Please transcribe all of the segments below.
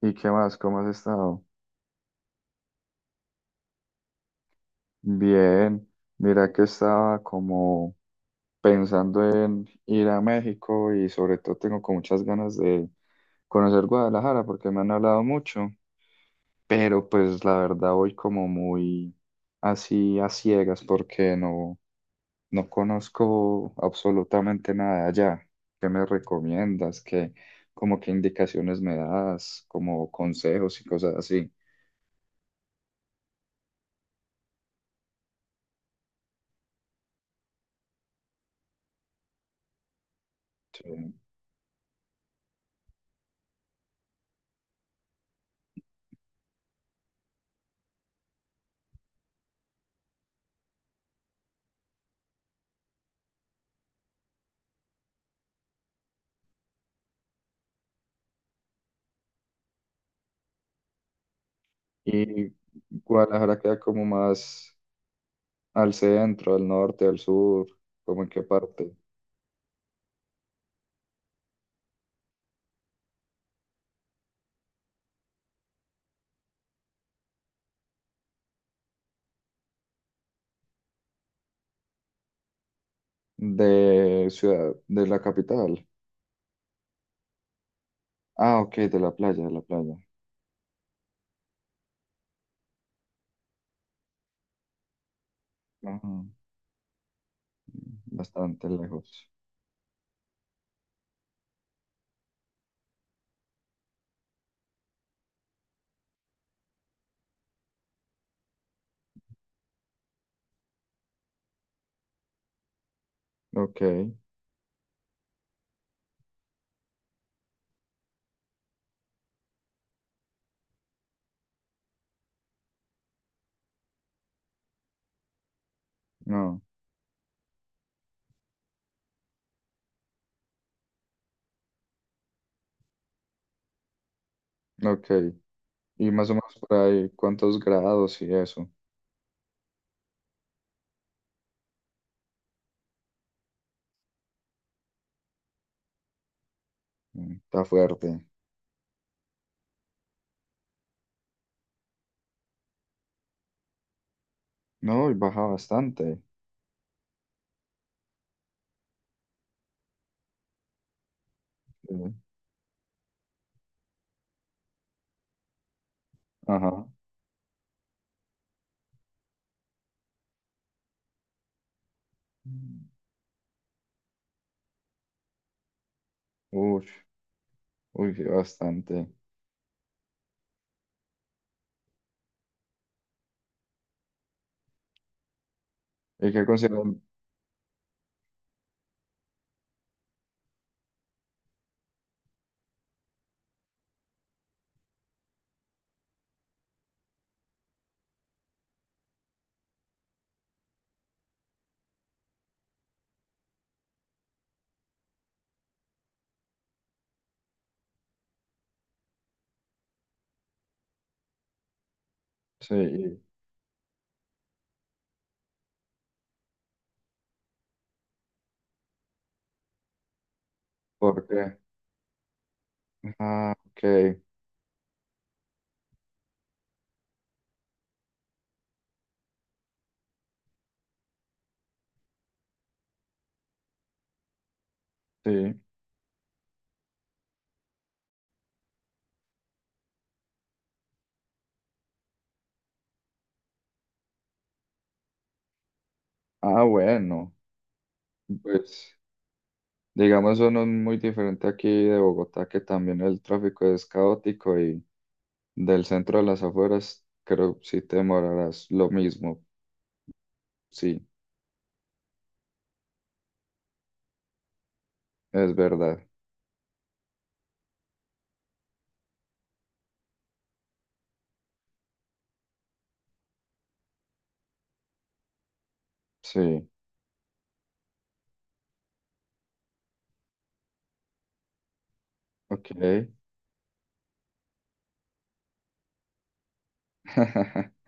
¿Y qué más? ¿Cómo has estado? Bien, mira que estaba como pensando en ir a México y sobre todo tengo con muchas ganas de conocer Guadalajara porque me han hablado mucho, pero pues la verdad voy como muy así a ciegas porque no, no conozco absolutamente nada de allá. ¿Qué me recomiendas? ¿Qué, como qué indicaciones me das? Como consejos y cosas así. Sí. Y Guadalajara queda como más al centro, al norte, al sur, como en qué parte de ciudad, de la capital. Ah, ok, de la playa, de la playa. Ajá, bastante lejos. Ok, no, ok. Y más o menos por ahí, ¿cuántos grados y eso? Mm, está fuerte. No, y baja bastante. Sí. Ajá. Uy, uy, sí, bastante. ¿Y qué consideran? Sí, ¿por qué? Ah, ok, sí. Ah, bueno, pues digamos eso no es muy diferente aquí de Bogotá, que también el tráfico es caótico y del centro a las afueras creo si te demorarás lo mismo. Sí, es verdad. Sí, ok.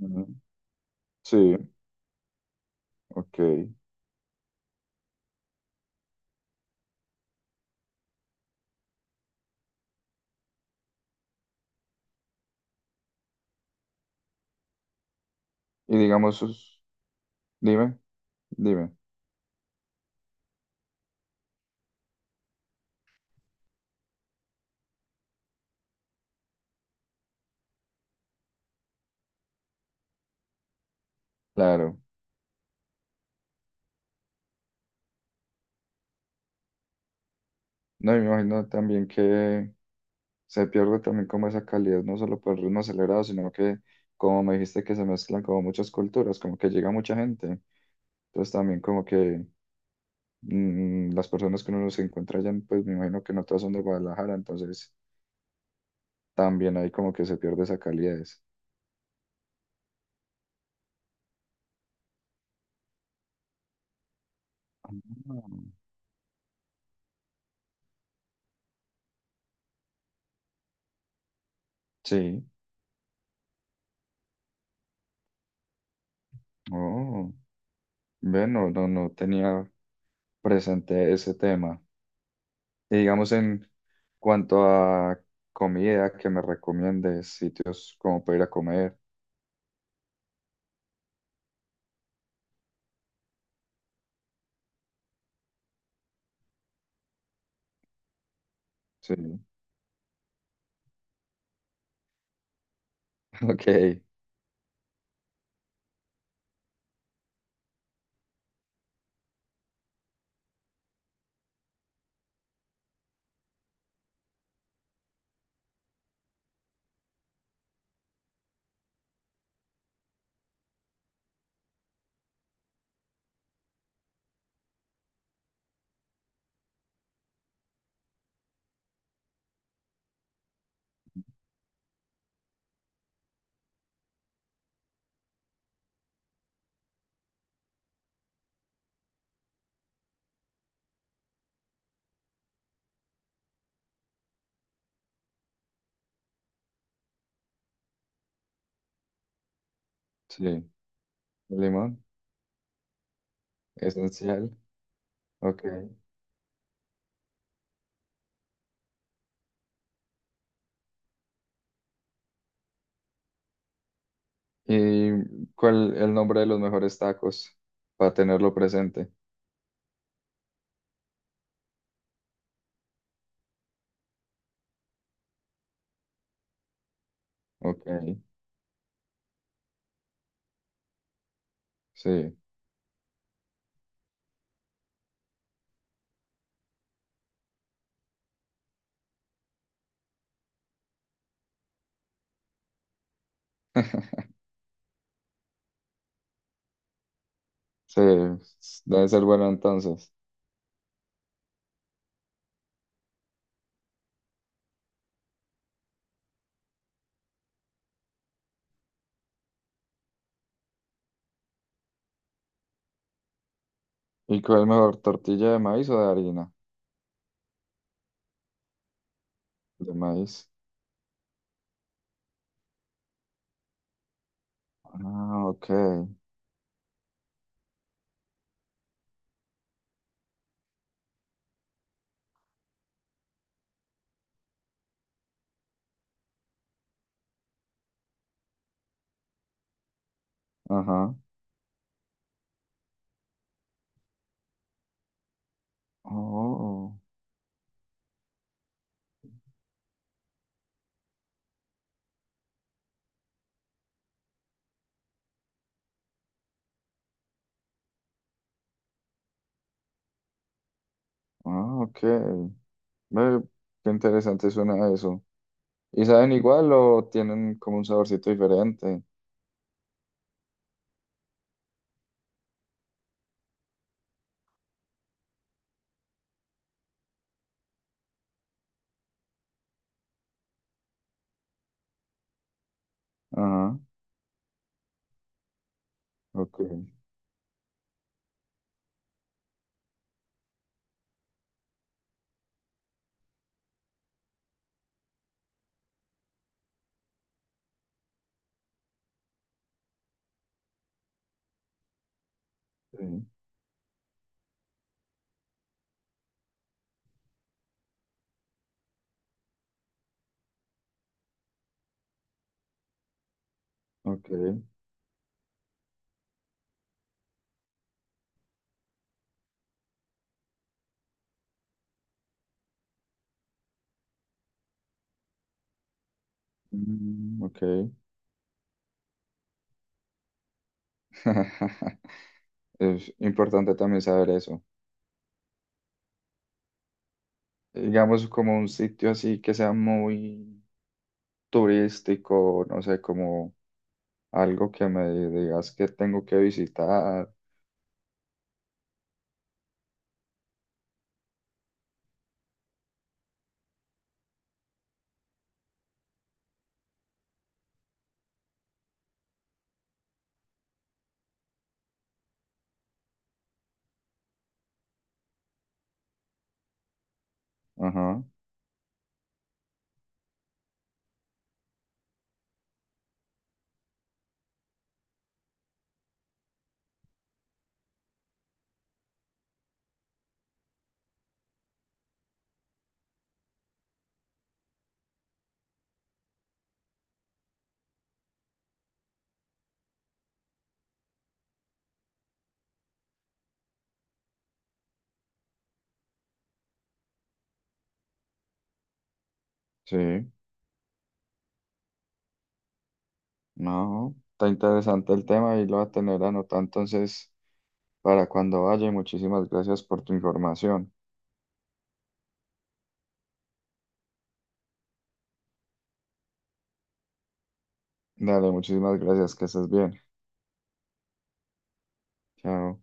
Ujú. Sí, ok. Y digamos, sus- dime, dime. Claro. No, y me imagino también que se pierde también como esa calidad, no solo por el ritmo acelerado, sino que como me dijiste que se mezclan como muchas culturas, como que llega mucha gente. Entonces también como que mm, las personas que uno se encuentra allá, pues me imagino que no todas son de Guadalajara, entonces también ahí como que se pierde esa calidez. Ah. Sí, oh, bueno, no, no tenía presente ese tema. Y digamos en cuanto a comida, que me recomiendes sitios como para ir a comer. Sí, ok, sí, limón, esencial, ok. ¿Y cuál el nombre de los mejores tacos? Para tenerlo presente. Ok, sí, sí, debe ser bueno entonces. ¿Y cuál es mejor, tortilla de maíz o de harina? De maíz. Ah, ok, ajá. Oh, ah, ok. Ve, qué interesante suena eso. ¿Y saben igual o tienen como un saborcito diferente? Ajá, ok, sí, ok, mm, ok. Es importante también saber eso. Digamos, como un sitio así que sea muy turístico, no sé, como algo que me digas que tengo que visitar. Ajá, sí, no, está interesante el tema y lo voy a tener anotado entonces para cuando vaya. Y muchísimas gracias por tu información. Dale, muchísimas gracias, que estés bien. Chao.